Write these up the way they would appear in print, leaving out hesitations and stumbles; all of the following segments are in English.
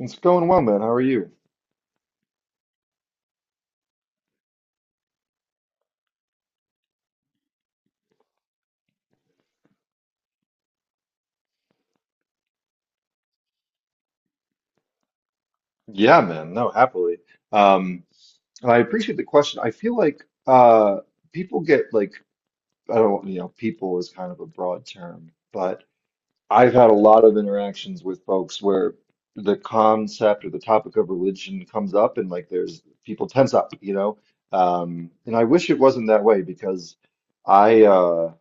It's going well, man. How are you? Yeah, man. No, happily. Um, and I appreciate the question. I feel like people get like, I don't, people is kind of a broad term, but I've had a lot of interactions with folks where the concept or the topic of religion comes up and like there's people tense up, you know? And I wish it wasn't that way because I uh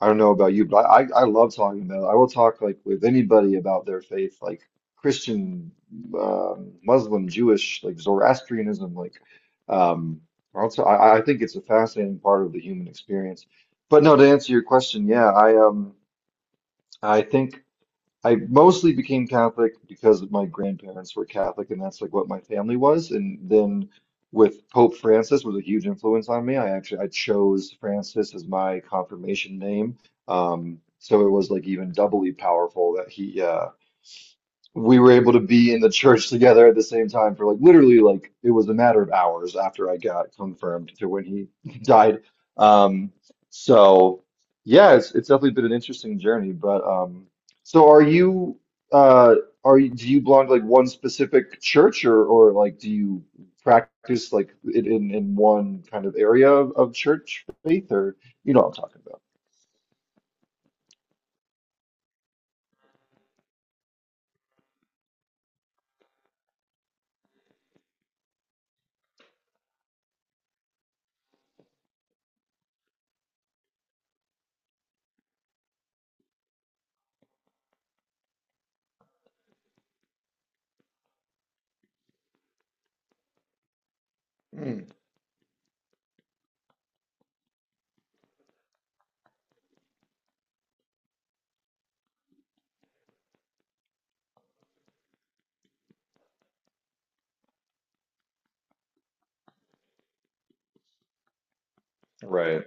I don't know about you, but I love talking about it. I will talk like with anybody about their faith, like Christian, Muslim, Jewish, like Zoroastrianism, um, also I think it's a fascinating part of the human experience. But no, to answer your question, yeah, I think. I mostly became Catholic because my grandparents were Catholic, and that's like what my family was. And then with Pope Francis was a huge influence on me. I actually I chose Francis as my confirmation name. So it was like even doubly powerful that he we were able to be in the church together at the same time for like literally like it was a matter of hours after I got confirmed to when he died. Um, so yeah, it's definitely been an interesting journey. But so are you uh are you, do you belong to like one specific church, or like do you practice like in one kind of area of church faith, or you know what I'm talking about? Mm. Right.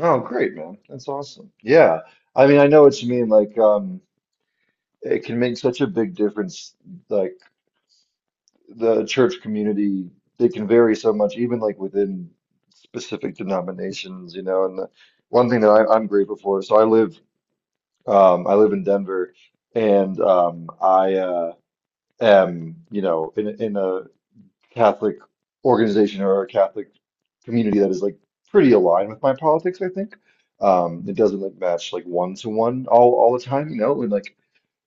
Oh, great, man. That's awesome. Yeah. I mean, I know what you mean. Like, it can make such a big difference. Like, the church community, they can vary so much, even like within specific denominations, you know. One thing that I'm grateful for, so I live in Denver, and I am, you know, in, in a Catholic organization or a Catholic community that is like pretty aligned with my politics, I think. It doesn't like match like one to one all the time, you know, and like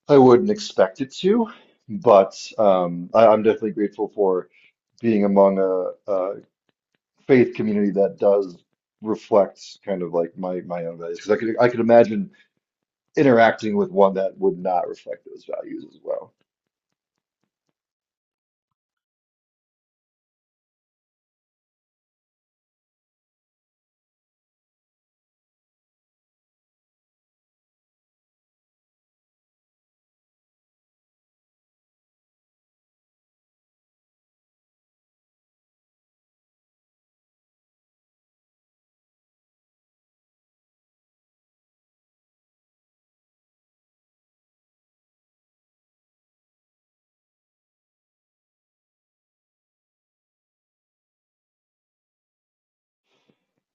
I wouldn't expect it to, but I'm definitely grateful for being among a faith community that does reflect kind of like my own values because I could imagine interacting with one that would not reflect those values as well.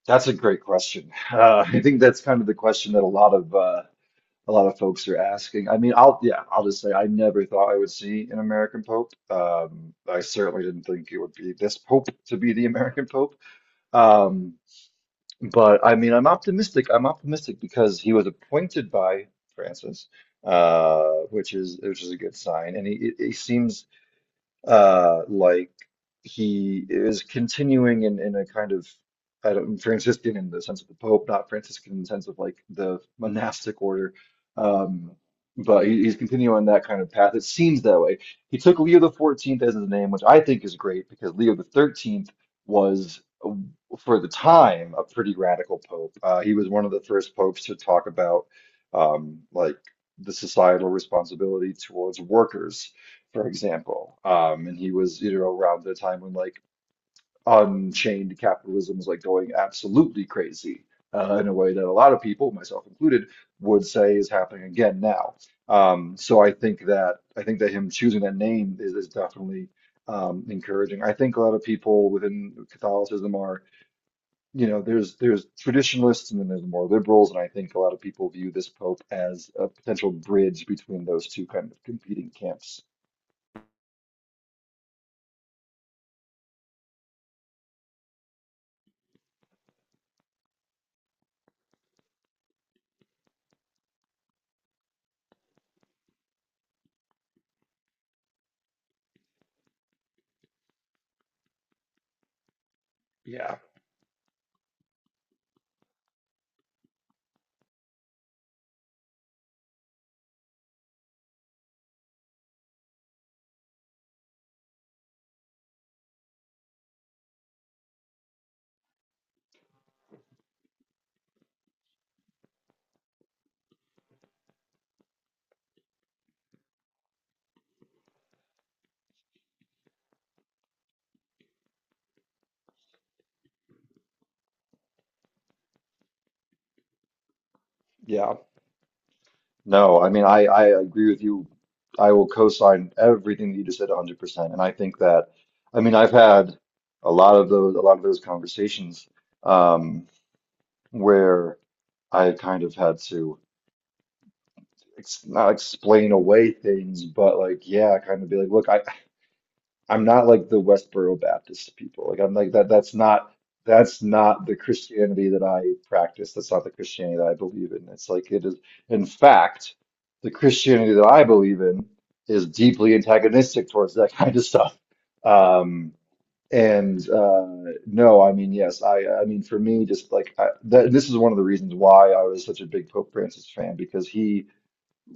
That's a great question. I think that's kind of the question that a lot of folks are asking. I mean, I'll just say I never thought I would see an American Pope. I certainly didn't think it would be this Pope to be the American Pope. Um, but I mean, I'm optimistic. I'm optimistic because he was appointed by Francis, uh, which is a good sign, and he seems like he is continuing in a kind of I don't, Franciscan in the sense of the Pope, not Franciscan in the sense of like the monastic order. Um, but he's continuing on that kind of path. It seems that way. He took Leo the 14th as his name, which I think is great because Leo the 13th was for the time a pretty radical pope. He was one of the first popes to talk about like the societal responsibility towards workers, for example. And he was, you know, around the time when like unchained capitalism was like going absolutely crazy, in a way that a lot of people, myself included, would say is happening again now. So I think that him choosing that name is definitely encouraging. I think a lot of people within Catholicism are, you know, there's traditionalists and then there's more liberals, and I think a lot of people view this pope as a potential bridge between those two kind of competing camps. Yeah, yeah. No, I mean, I agree with you. I will co-sign everything that you just said 100%. And I think that, I mean, I've had a lot of those conversations, um, where I kind of had to ex, not explain away things, but like, yeah, kind of be like, look, I. I'm not like the Westboro Baptist people. Like I'm like that. That's not the Christianity that I practice. That's not the Christianity that I believe in. It's like it is. In fact, the Christianity that I believe in is deeply antagonistic towards that kind of stuff. Um, and no, I mean yes, I mean for me, just like this is one of the reasons why I was such a big Pope Francis fan because he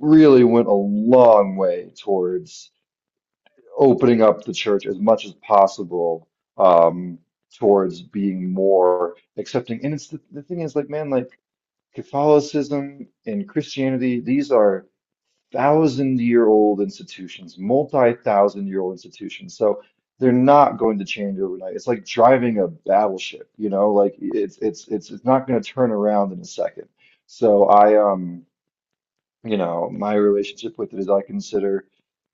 really went a long way towards opening up the church as much as possible, um, towards being more accepting. And it's the thing is, like, man, like Catholicism and Christianity, these are thousand year old institutions, multi-thousand year old institutions. So they're not going to change overnight. It's like driving a battleship, you know, like it's not going to turn around in a second. So I you know, my relationship with it is I consider,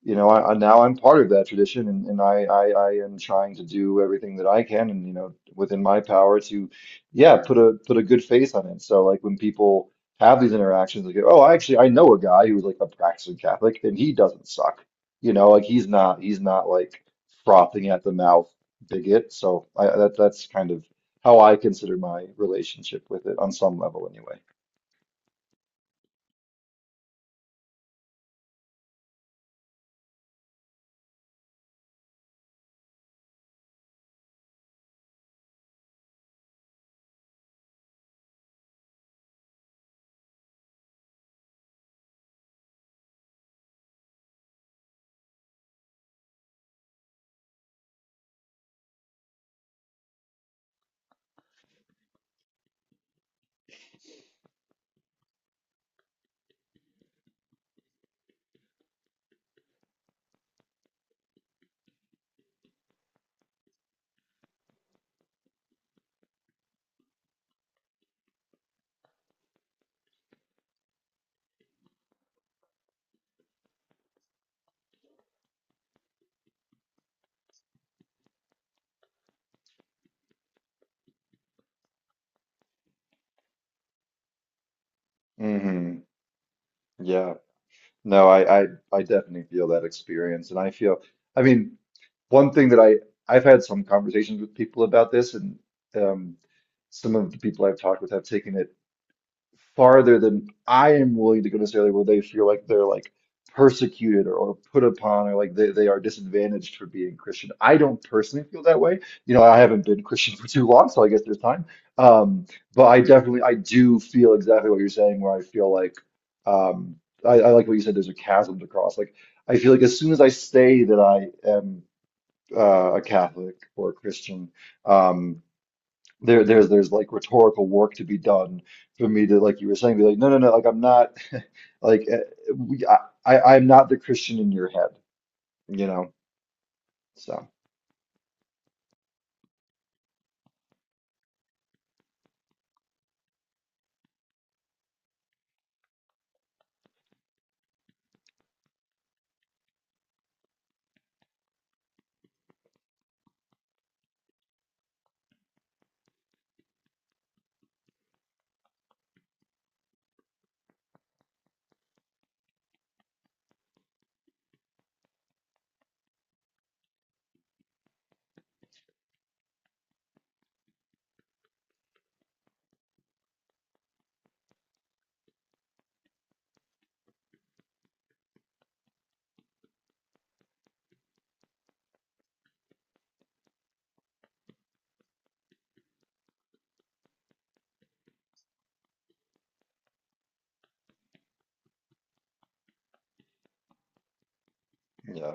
you know, I now I'm part of that tradition, and, and I am trying to do everything that I can, and you know, within my power to yeah put a put a good face on it. So like when people have these interactions, like oh, I actually I know a guy who's like a practicing Catholic and he doesn't suck. You know, like he's not like frothing at the mouth bigot. So I that that's kind of how I consider my relationship with it on some level anyway. Hmm. Yeah. No, I definitely feel that experience, and I feel, I mean, one thing that I, I've had some conversations with people about this, and um, some of the people I've talked with have taken it farther than I am willing to go necessarily where they feel like they're like persecuted or put upon or like they are disadvantaged for being Christian. I don't personally feel that way. You know, I haven't been Christian for too long, so I guess there's time. Um, but I definitely I do feel exactly what you're saying where I feel like um I like what you said, there's a chasm to cross. Like I feel like as soon as I say that I am a Catholic or a Christian, um there's like rhetorical work to be done for me to, like you were saying, be like no no no, like I'm not like we, I, I'm not the Christian in your head, you know, so yeah,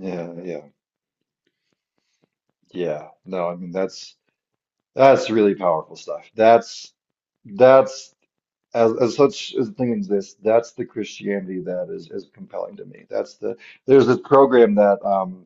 yeah, yeah, yeah, no I mean that's really powerful stuff, that's as such as the thing exists that's the Christianity that is compelling to me, that's the, there's this program that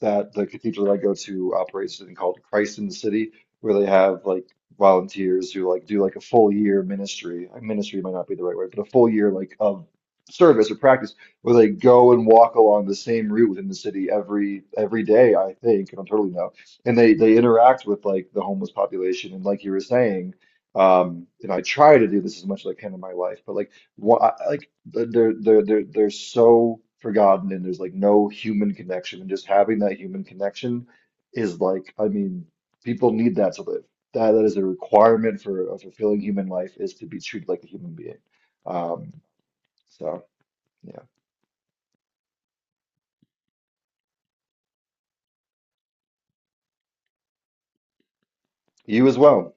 that the cathedral that I go to operates, something called Christ in the City, where they have like volunteers who like do like a full year ministry. Ministry might not be the right word, but a full year like of service or practice where they go and walk along the same route within the city every day, I think, and I'm totally no. And they interact with like the homeless population, and like you were saying, and I try to do this as much as I can in my life, but like what they're so forgotten, and there's like no human connection, and just having that human connection is like, I mean, people need that to live, that that is a requirement for a fulfilling human life, is to be treated like a human being. Um so yeah, you as well.